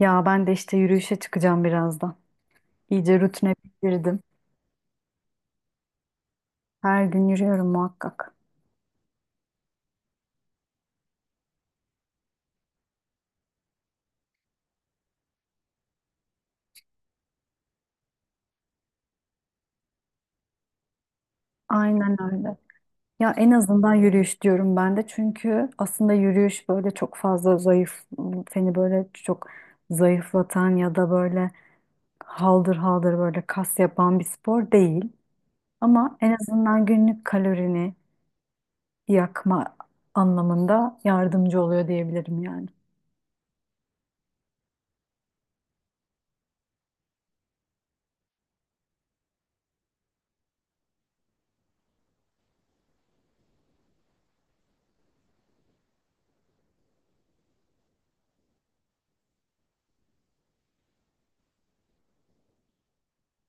Ya ben de işte yürüyüşe çıkacağım birazdan. İyice rutine girdim. Her gün yürüyorum muhakkak. Aynen öyle. Ya en azından yürüyüş diyorum ben de çünkü aslında yürüyüş böyle çok fazla zayıf, seni böyle çok zayıflatan ya da böyle haldır haldır böyle kas yapan bir spor değil. Ama en azından günlük kalorini yakma anlamında yardımcı oluyor diyebilirim yani.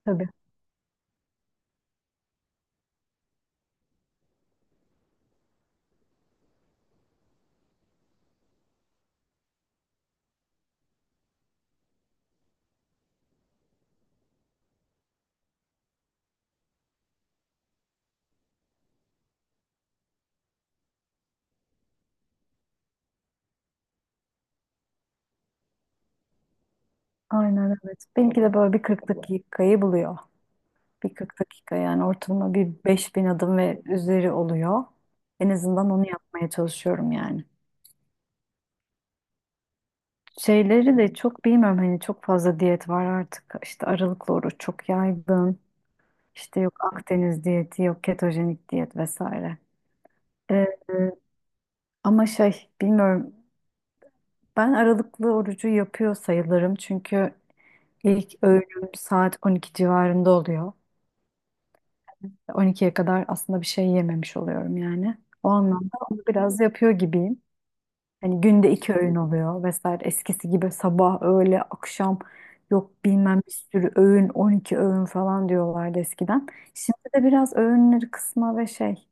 Tabii. Aynen, evet. Benimki de böyle bir kırklık kayı buluyor. Bir 40 dakika yani ortalama bir 5.000 adım ve üzeri oluyor. En azından onu yapmaya çalışıyorum yani. Şeyleri de çok bilmiyorum hani çok fazla diyet var artık. İşte aralıklı oruç çok yaygın. İşte yok Akdeniz diyeti, yok ketojenik diyet vesaire. Ee, ama şey bilmiyorum ben aralıklı orucu yapıyor sayılırım çünkü ilk öğünüm saat 12 civarında oluyor. 12'ye kadar aslında bir şey yememiş oluyorum yani. O anlamda onu biraz yapıyor gibiyim. Hani günde iki öğün oluyor vesaire. Eskisi gibi sabah, öğle, akşam yok bilmem bir sürü öğün, 12 öğün falan diyorlardı eskiden. Şimdi de biraz öğünleri kısma ve şey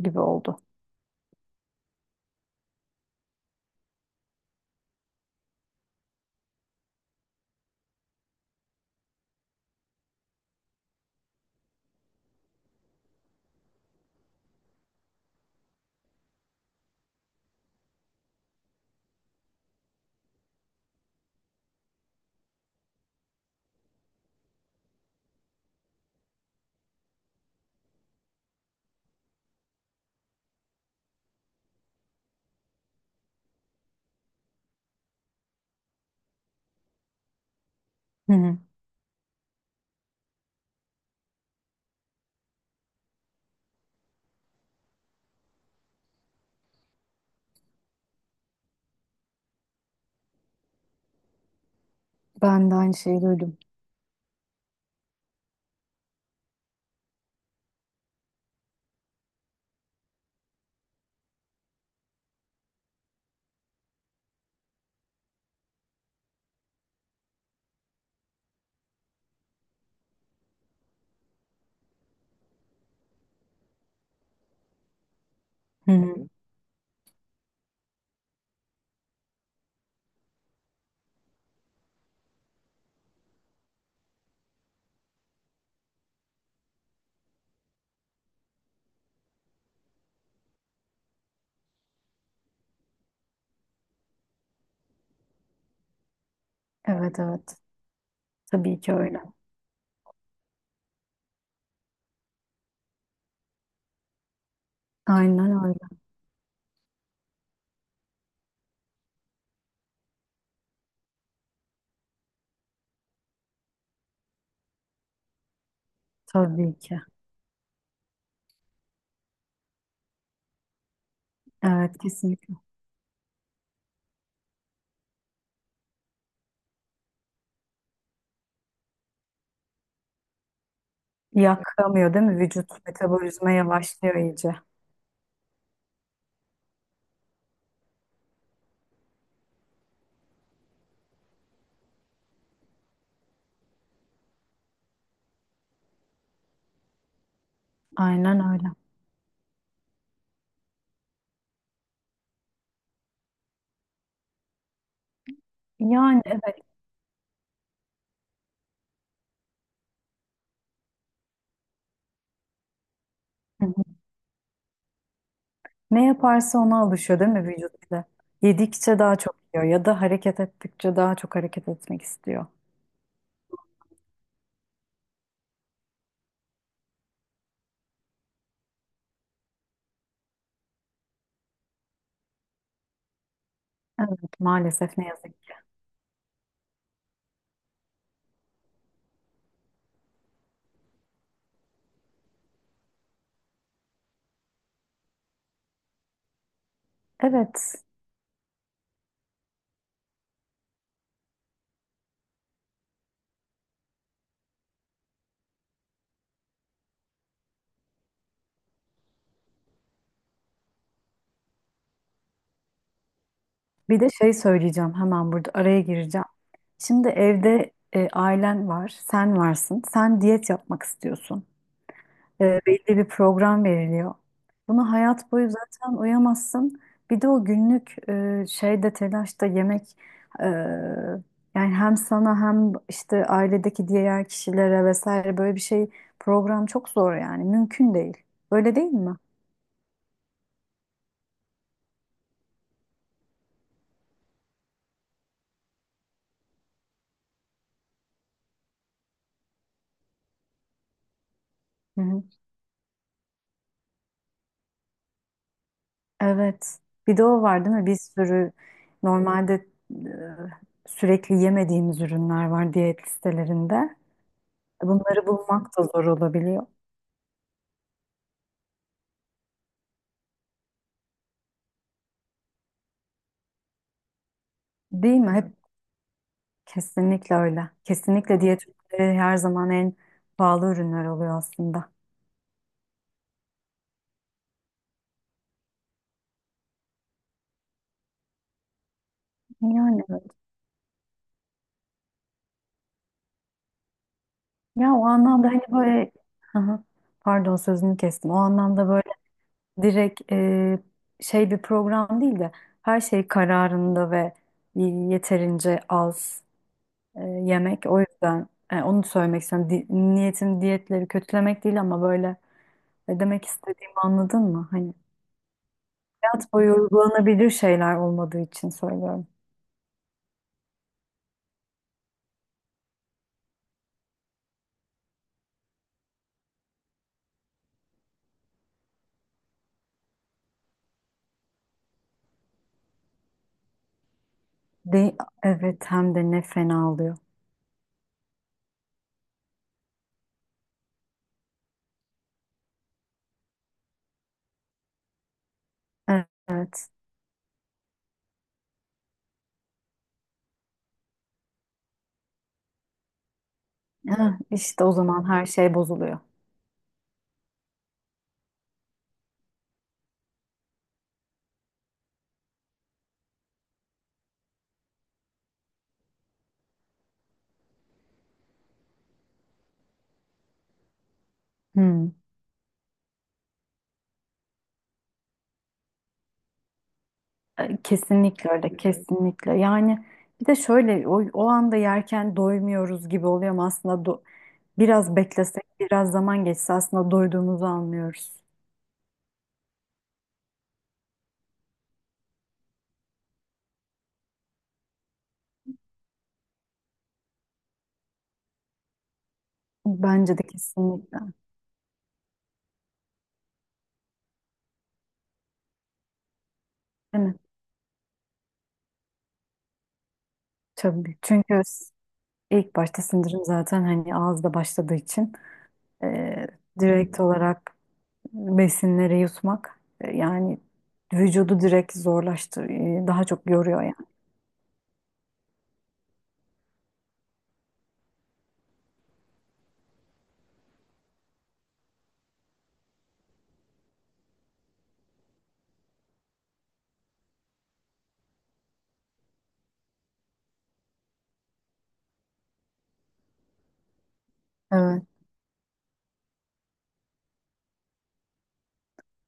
gibi oldu. Hı hı. Ben de aynı şeyi duydum. Evet, evet. Tabii ki öyle. Aynen öyle. Tabii ki. Evet, kesinlikle. Yakamıyor değil mi? Vücut metabolizma yavaşlıyor iyice. Aynen öyle. Yani evet. Ne yaparsa ona alışıyor değil mi vücut bize? Yedikçe daha çok yiyor ya da hareket ettikçe daha çok hareket etmek istiyor. Evet, maalesef ne yazık ki. Evet, bir de şey söyleyeceğim, hemen burada araya gireceğim. Şimdi evde ailen var, sen varsın, sen diyet yapmak istiyorsun. Belli bir program veriliyor. Bunu hayat boyu zaten uyamazsın. Bir de o günlük şeyde telaşta yemek, e, yani hem sana hem işte ailedeki diğer kişilere vesaire böyle bir şey program çok zor, yani mümkün değil. Öyle değil mi? Hı hı. Evet. Bir de o var değil mi? Bir sürü normalde sürekli yemediğimiz ürünler var diyet listelerinde. Bunları bulmak da zor olabiliyor. Değil mi? Kesinlikle öyle. Kesinlikle diyet ürünleri her zaman en pahalı ürünler oluyor aslında. Yani öyle. Ya o anlamda hani böyle Hı hı. Pardon, sözünü kestim. O anlamda böyle direkt, şey bir program değil de her şey kararında ve yeterince az, yemek. O yüzden onu söylemek istiyorum. Niyetim diyetleri kötülemek değil ama böyle, demek istediğimi anladın mı? Hani hayat boyu uygulanabilir şeyler olmadığı için söylüyorum. De evet, hem de ne fena oluyor. Evet. Heh, işte o zaman her şey bozuluyor. Hmm. Kesinlikle öyle, kesinlikle. Yani bir de şöyle o anda yerken doymuyoruz gibi oluyor ama aslında biraz beklesek, biraz zaman geçse aslında doyduğumuzu anlıyoruz. Bence de kesinlikle. Değil mi? Tabii. Çünkü ilk başta sindirim zaten hani ağızda başladığı için, e, direkt olarak besinleri yutmak, yani vücudu direkt zorlaştır, daha çok yoruyor yani. Evet,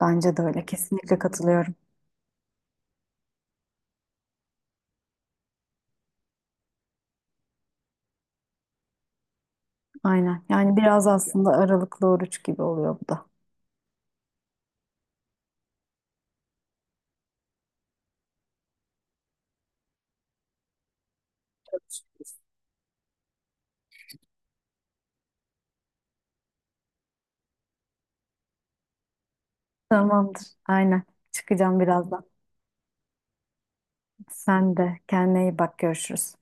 bence de öyle. Kesinlikle katılıyorum. Aynen. Yani biraz aslında aralıklı oruç gibi oluyor bu da. Tamamdır. Aynen. Çıkacağım birazdan. Sen de kendine iyi bak. Görüşürüz.